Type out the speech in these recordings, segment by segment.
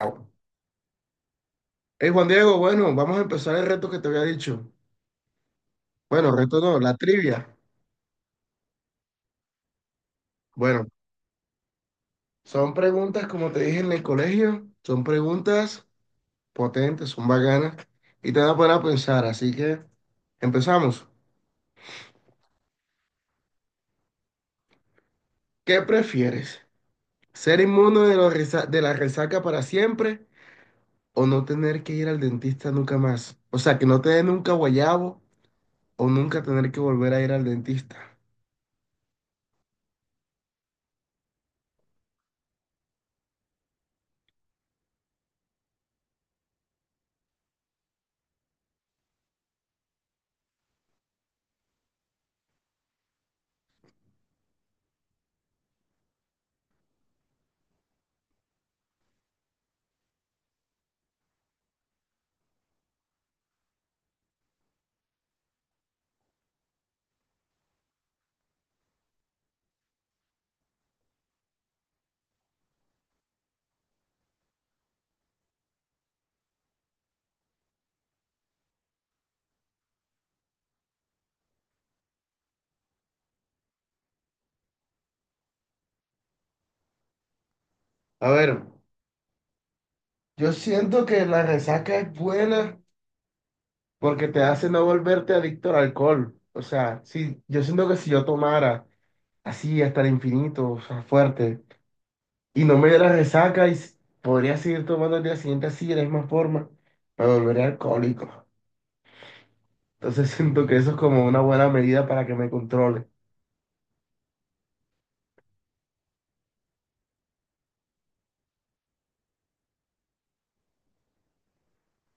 Hey Juan Diego, bueno, vamos a empezar el reto que te había dicho. Bueno, reto no, la trivia. Bueno, son preguntas, como te dije en el colegio, son preguntas potentes, son bacanas y te van a poner a pensar. Así que empezamos. ¿Qué prefieres? ¿Ser inmune de la resaca para siempre o no tener que ir al dentista nunca más? O sea, que no te dé nunca guayabo o nunca tener que volver a ir al dentista. A ver, yo siento que la resaca es buena porque te hace no volverte adicto al alcohol. O sea, si yo siento que si yo tomara así hasta el infinito, o sea, fuerte, y no me diera resaca, podría seguir tomando el día siguiente así, de la misma forma, me volvería alcohólico. Entonces siento que eso es como una buena medida para que me controle.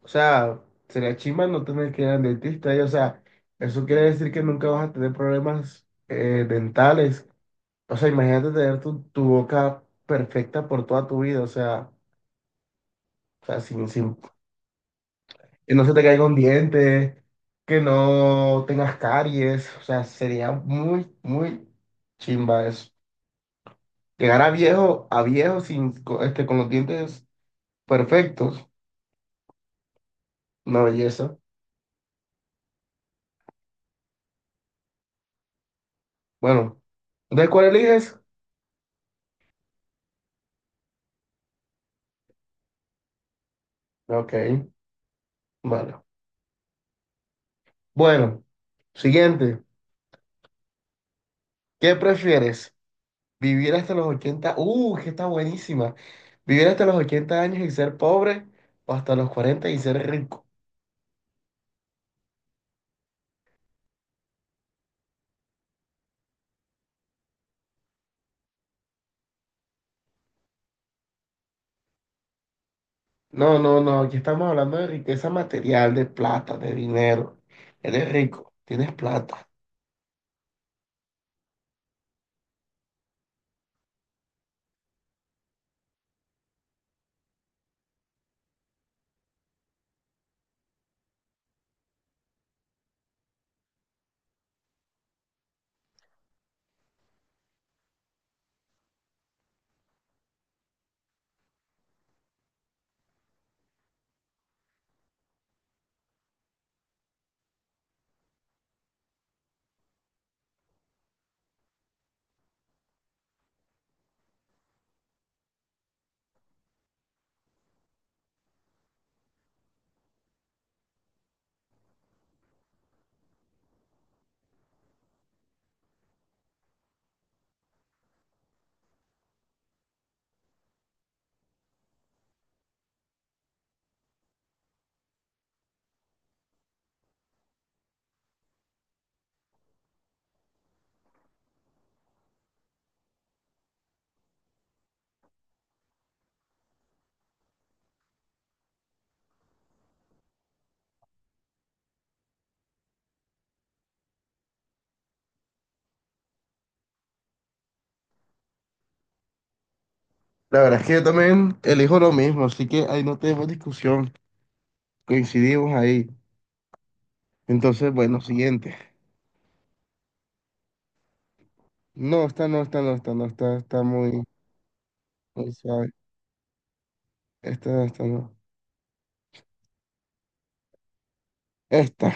O sea, sería chimba no tener que ir al dentista, y, o sea, eso quiere decir que nunca vas a tener problemas dentales. O sea, imagínate tener tu boca perfecta por toda tu vida, o sea, sin que no se te caiga un diente, que no tengas caries, o sea, sería muy, muy chimba eso. Llegar a viejo sin, co- este, con los dientes perfectos, una belleza. Bueno, ¿de cuál eliges? Ok, vale. Bueno, siguiente. ¿Qué prefieres? ¿Vivir hasta los 80? Que está buenísima. ¿Vivir hasta los 80 años y ser pobre o hasta los 40 y ser rico? No, no, no, aquí estamos hablando de riqueza material, de plata, de dinero. Eres rico, tienes plata. La verdad es que yo también elijo lo mismo, así que ahí no tenemos discusión, coincidimos ahí. Entonces, bueno, siguiente. No, esta no, esta no, esta no, esta está muy, muy suave. Esta no, esta no. Esta,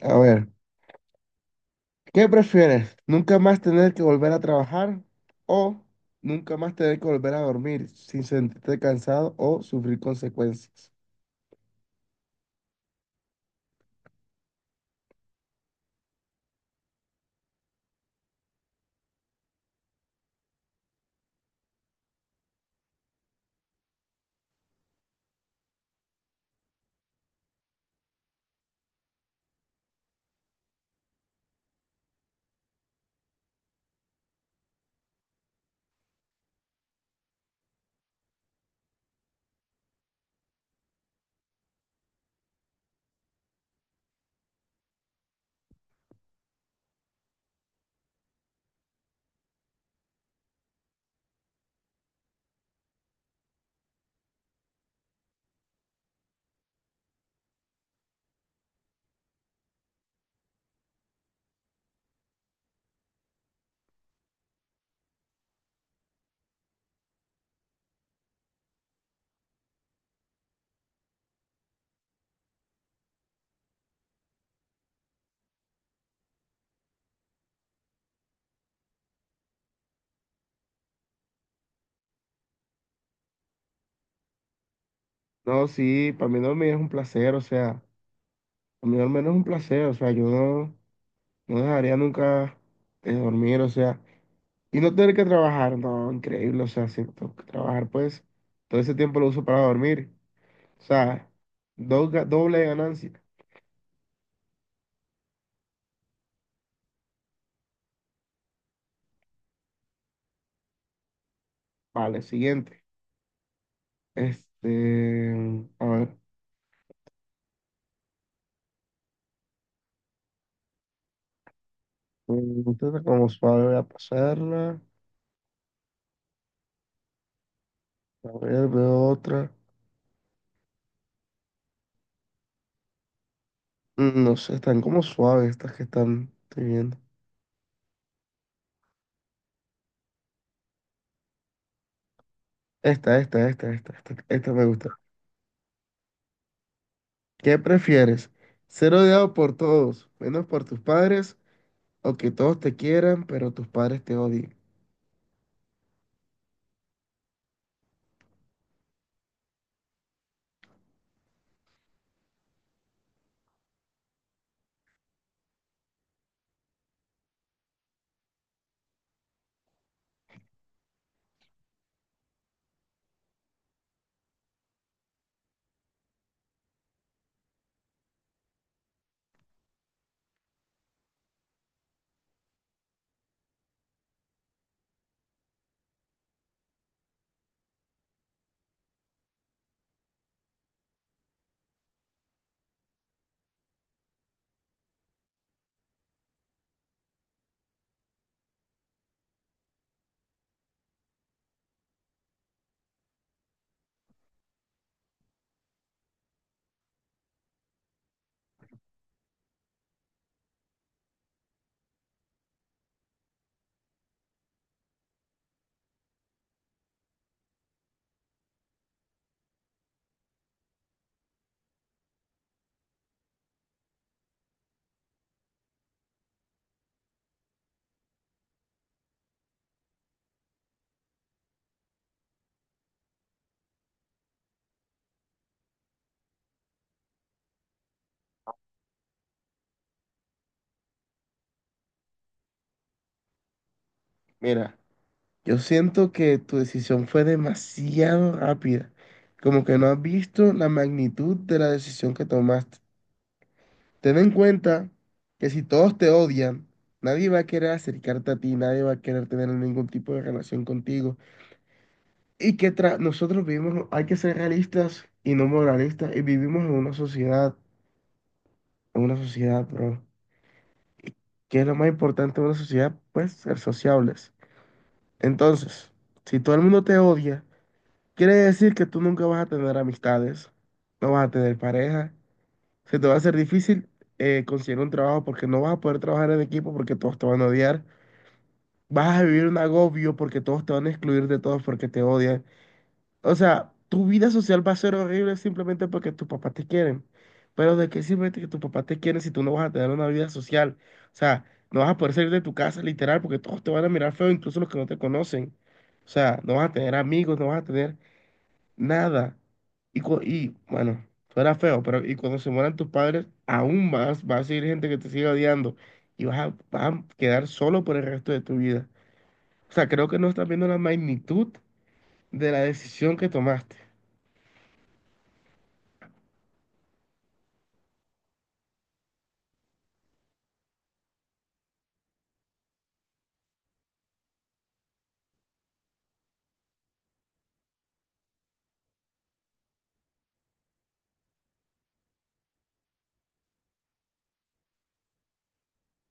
a ver, ¿qué prefieres? ¿Nunca más tener que volver a trabajar o nunca más tener que volver a dormir sin sentirte cansado o sufrir consecuencias? No, sí, para mí dormir es un placer, o sea, para mí dormir es un placer, o sea, yo no, no dejaría nunca de dormir, o sea, y no tener que trabajar, no, increíble, o sea, si tengo que trabajar, pues, todo ese tiempo lo uso para dormir, o sea, doble ganancia. Vale, siguiente. Este, a ver, mm, como suave voy a pasarla, a ver, veo otra. No sé, están como suaves estas que estoy viendo. Esta me gusta. ¿Qué prefieres? ¿Ser odiado por todos, menos por tus padres, o que todos te quieran, pero tus padres te odien? Mira, yo siento que tu decisión fue demasiado rápida, como que no has visto la magnitud de la decisión que tomaste. Ten en cuenta que si todos te odian, nadie va a querer acercarte a ti, nadie va a querer tener ningún tipo de relación contigo. Y nosotros vivimos, hay que ser realistas y no moralistas, y vivimos en una sociedad, bro, que es lo más importante de una sociedad, pues ser sociables. Entonces, si todo el mundo te odia, quiere decir que tú nunca vas a tener amistades, no vas a tener pareja, se te va a hacer difícil conseguir un trabajo porque no vas a poder trabajar en equipo porque todos te van a odiar, vas a vivir un agobio porque todos te van a excluir de todos porque te odian. O sea, tu vida social va a ser horrible simplemente porque tus papás te quieren. Pero ¿de qué sirve que tus papás te quieren si tú no vas a tener una vida social? O sea, no vas a poder salir de tu casa literal porque todos te van a mirar feo, incluso los que no te conocen. O sea, no vas a tener amigos, no vas a tener nada. Y bueno, suena feo, pero y cuando se mueran tus padres, aún más va a seguir gente que te siga odiando y vas a quedar solo por el resto de tu vida. O sea, creo que no estás viendo la magnitud de la decisión que tomaste.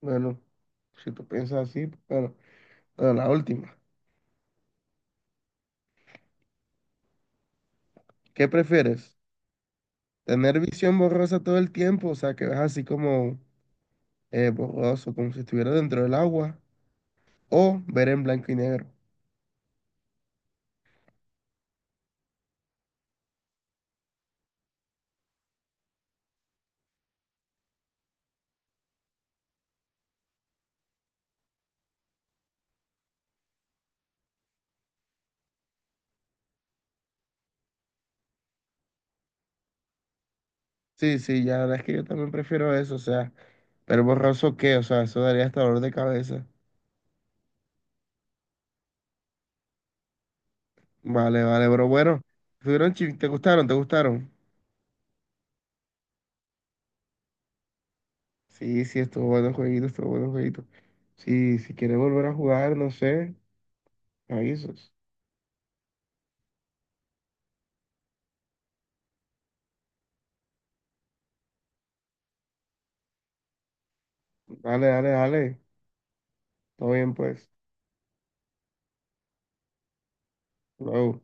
Bueno. Si tú piensas así, bueno, la última. ¿Qué prefieres? ¿Tener visión borrosa todo el tiempo? O sea, que ves así como borroso, como si estuviera dentro del agua. O ver en blanco y negro. Sí, sí, ya la verdad es que yo también prefiero eso. O sea, pero ¿borroso qué? O sea, eso daría hasta dolor de cabeza. Vale, vale, pero bueno. ¿Te gustaron? ¿Te gustaron? Sí, sí, estuvo bueno el jueguito, estuvo bueno el jueguito. Sí, si quieres volver a jugar, no sé, me avisas. Dale, dale, dale. Todo bien, pues. Luego.